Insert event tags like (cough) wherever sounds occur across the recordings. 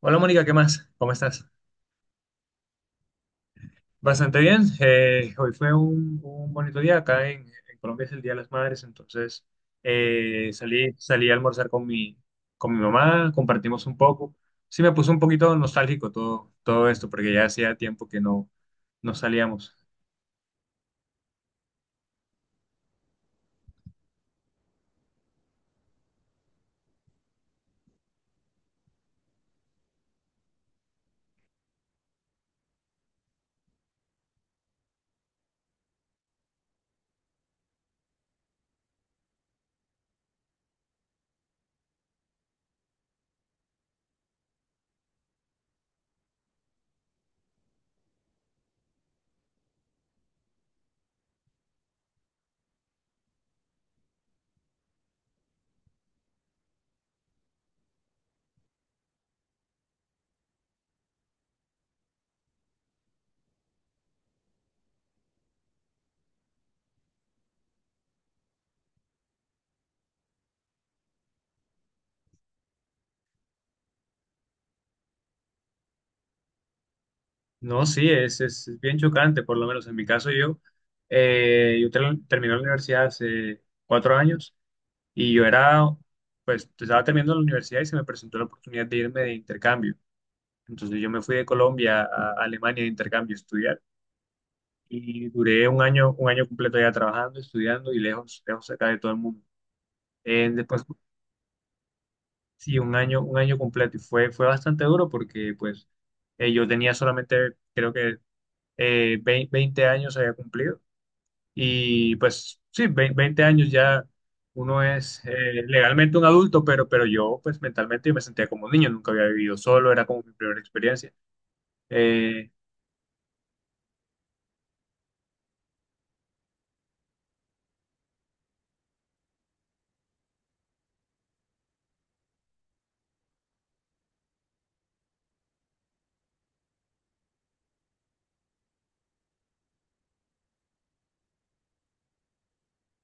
Hola, Mónica, ¿qué más? ¿Cómo estás? Bastante bien. Hoy fue un bonito día. Acá en Colombia es el Día de las Madres, entonces salí a almorzar con mi mamá, compartimos un poco. Sí, me puso un poquito nostálgico todo esto, porque ya hacía tiempo que no salíamos. No, sí, es bien chocante, por lo menos en mi caso. Yo terminé la universidad hace 4 años y pues estaba terminando la universidad y se me presentó la oportunidad de irme de intercambio. Entonces yo me fui de Colombia a Alemania de intercambio a estudiar y duré un año completo ya trabajando, estudiando y lejos, lejos acá de todo el mundo. Eh, después, sí, un año completo y fue bastante duro porque pues yo tenía solamente, creo que, 20 años había cumplido. Y pues sí, 20 años ya uno es legalmente un adulto, pero yo pues mentalmente yo me sentía como un niño, nunca había vivido solo, era como mi primera experiencia. Eh,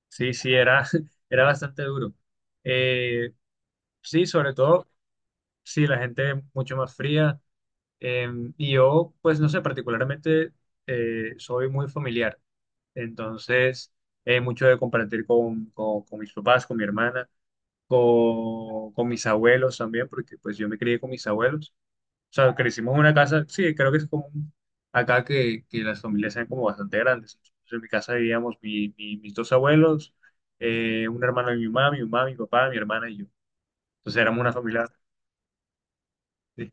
Sí, sí, era, (laughs) era bastante duro. Eh, sí, sobre todo, sí, la gente mucho más fría. eh, y yo, pues no sé, particularmente, soy muy familiar. Entonces, mucho de compartir con mis papás, con mi hermana, con mis abuelos también, porque pues yo me crié con mis abuelos. O sea, crecimos en una casa. Sí, creo que es común acá que las familias sean como bastante grandes. Entonces, en mi casa vivíamos mis dos abuelos, un hermano de mi mamá, mi mamá, mi papá, mi hermana y yo. Entonces éramos una familia. Sí,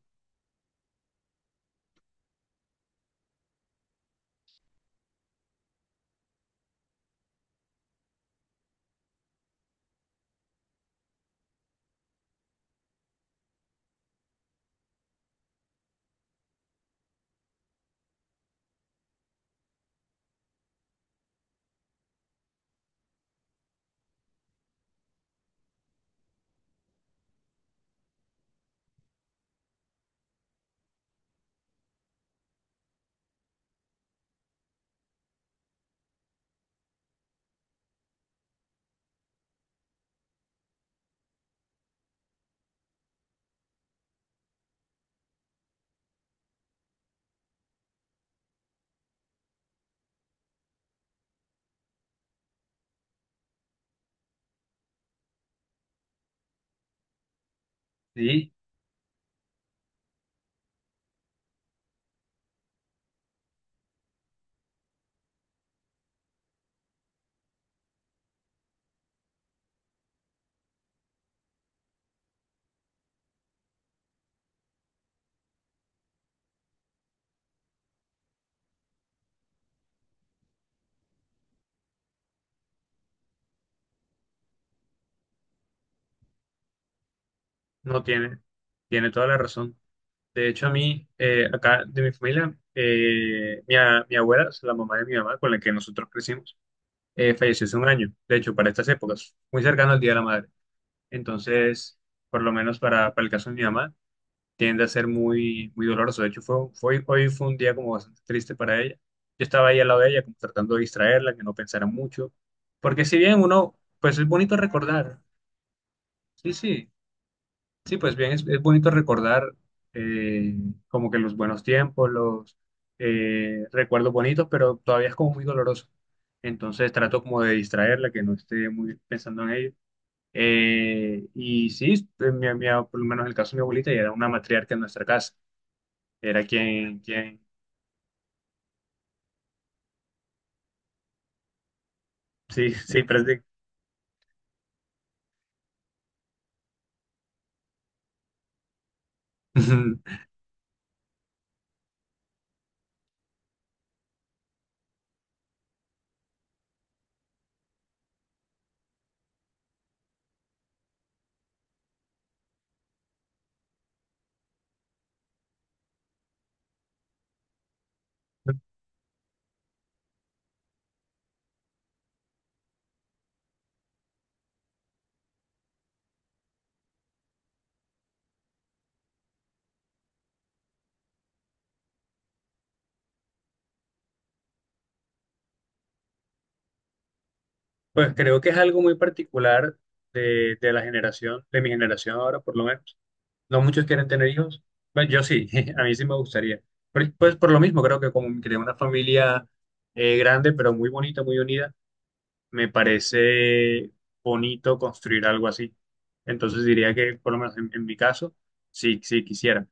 sí, no tiene, tiene toda la razón. De hecho, a mí, acá de mi familia, mi abuela, o sea, la mamá de mi mamá, con la que nosotros crecimos, falleció hace un año. De hecho, para estas épocas, muy cercano al Día de la Madre. Entonces, por lo menos para el caso de mi mamá, tiende a ser muy, muy doloroso. De hecho, hoy fue un día como bastante triste para ella. Yo estaba ahí al lado de ella, como tratando de distraerla, que no pensara mucho. Porque si bien, uno, pues es bonito recordar, sí, sí, sí, pues bien, es bonito recordar, eh, como que los buenos tiempos, los, recuerdos bonitos, pero todavía es como muy doloroso. Entonces trato como de distraerla, que no esté muy pensando en ello. Eh, y sí, por lo menos en el caso de mi abuelita, ella era una matriarca en nuestra casa. Era quien. Sí, sí, prácticamente. (laughs) Pues creo que es algo muy particular de la generación, de mi generación ahora, por lo menos. No muchos quieren tener hijos. Bueno, yo sí, (laughs) a mí sí me gustaría. Pues por lo mismo, creo que como creé una familia, grande, pero muy bonita, muy unida, me parece bonito construir algo así. Entonces diría que, por lo menos en mi caso, sí, sí quisiera.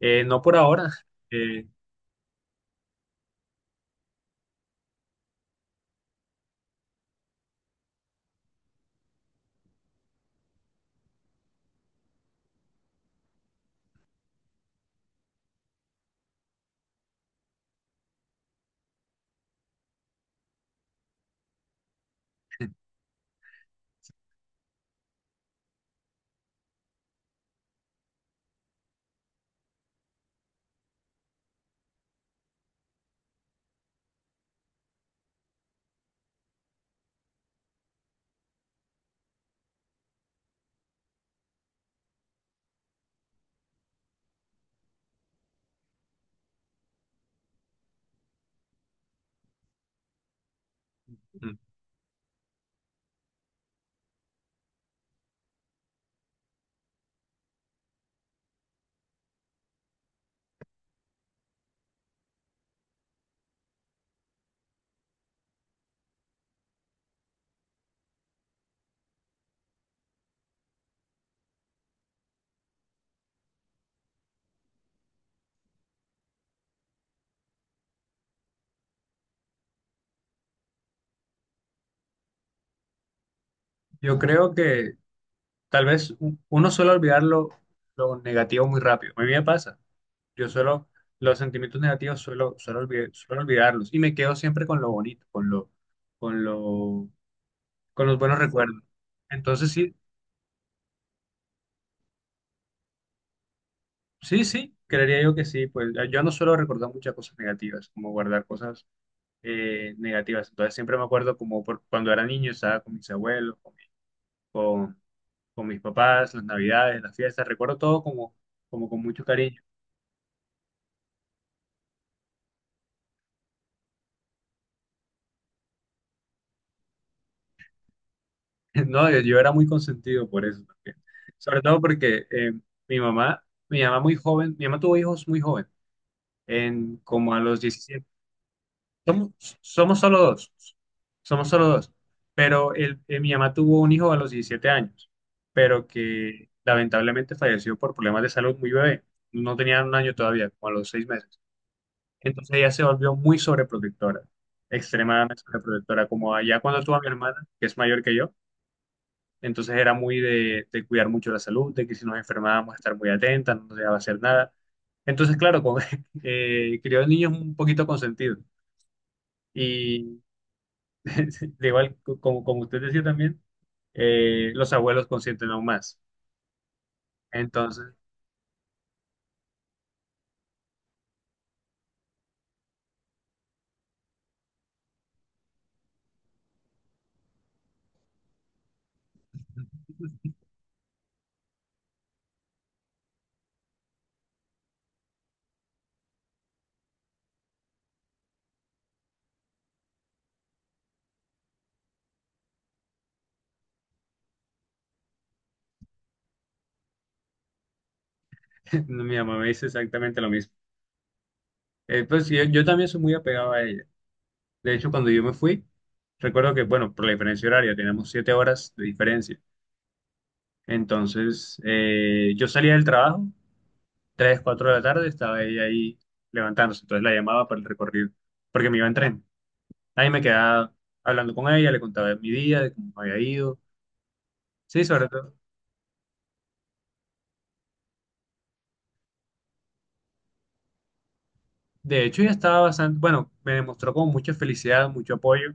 No por ahora. Eh, yo creo que Tal vez uno suele olvidar lo negativo muy rápido. A mí me pasa. Yo suelo, los sentimientos negativos suelo olvidarlos y me quedo siempre con lo bonito, con lo, con los buenos recuerdos. Entonces sí, sí, sí, creería yo que sí. Pues yo no suelo recordar muchas cosas negativas, como guardar cosas, negativas. Entonces siempre me acuerdo como cuando era niño, estaba con mis abuelos, con, mi- con con mis papás, las navidades, las fiestas. Recuerdo todo como como con mucho cariño. (laughs) No, yo era muy consentido por eso también. Sobre todo porque mi mamá, mi mamá muy joven, mi mamá tuvo hijos muy joven, en, como a los 17. Somos, Somos solo dos, somos solo dos. Pero mi mamá tuvo un hijo a los 17 años, pero que lamentablemente falleció por problemas de salud muy bebé. No tenía un año todavía, como a los 6 meses. Entonces ella se volvió muy sobreprotectora, extremadamente sobreprotectora. Como allá cuando tuvo a mi hermana, que es mayor que yo, entonces era muy de cuidar mucho la salud, de que si nos enfermábamos estar muy atentas, no nos dejaba hacer nada. Entonces, claro, con, (laughs) crió niños un poquito consentidos. Y (laughs) de igual, como usted decía también, los abuelos consienten aún más. Entonces, (laughs) mi mamá me dice exactamente lo mismo. Pues yo también soy muy apegado a ella. De hecho, cuando yo me fui, recuerdo que, bueno, por la diferencia horaria, teníamos 7 horas de diferencia. Entonces, yo salía del trabajo, 3 4 de la tarde, estaba ella ahí levantándose, entonces la llamaba para el recorrido, porque me iba en tren. Ahí me quedaba hablando con ella, le contaba de mi día, de cómo me había ido. Sí, sobre todo. De hecho, ella estaba bastante, bueno, me demostró como mucha felicidad, mucho apoyo,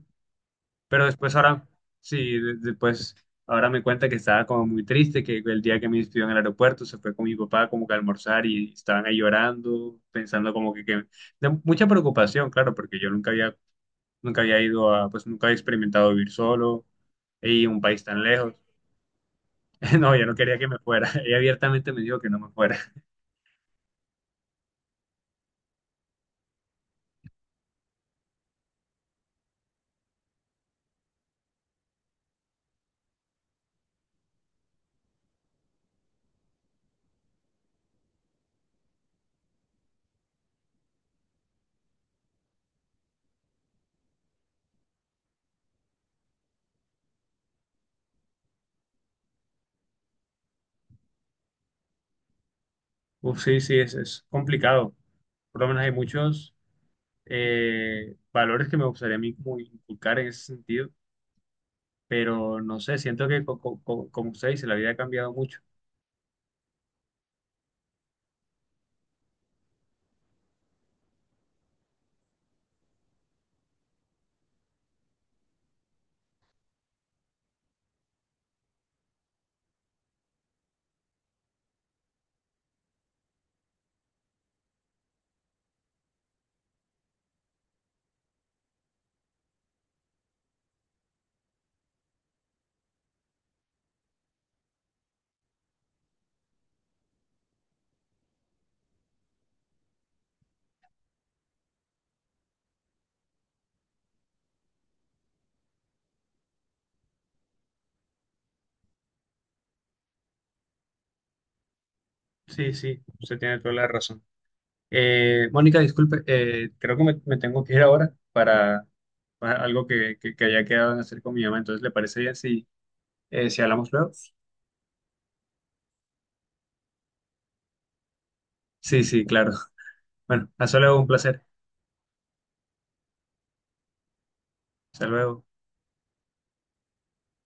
pero después, ahora, sí, después, ahora me cuenta que estaba como muy triste, que el día que me despidió en el aeropuerto se fue con mi papá como que a almorzar y estaban ahí llorando, pensando como que de mucha preocupación, claro, porque yo nunca había ido a, pues nunca había experimentado vivir solo y un país tan lejos. (laughs) No, yo no quería que me fuera. (laughs) Ella abiertamente me dijo que no me fuera. (laughs) Uf, sí, sí, es complicado. Por lo menos hay muchos, valores que me gustaría a mí como inculcar en ese sentido, pero no sé, siento que, como usted dice, la vida ha cambiado mucho. Sí, sí, usted tiene toda la razón. Mónica, disculpe, creo que me tengo que ir ahora para algo que haya quedado en hacer con mi mamá, entonces ¿le parece bien si... si hablamos luego? Sí, sí, claro. Bueno, hasta luego, un placer. Hasta luego.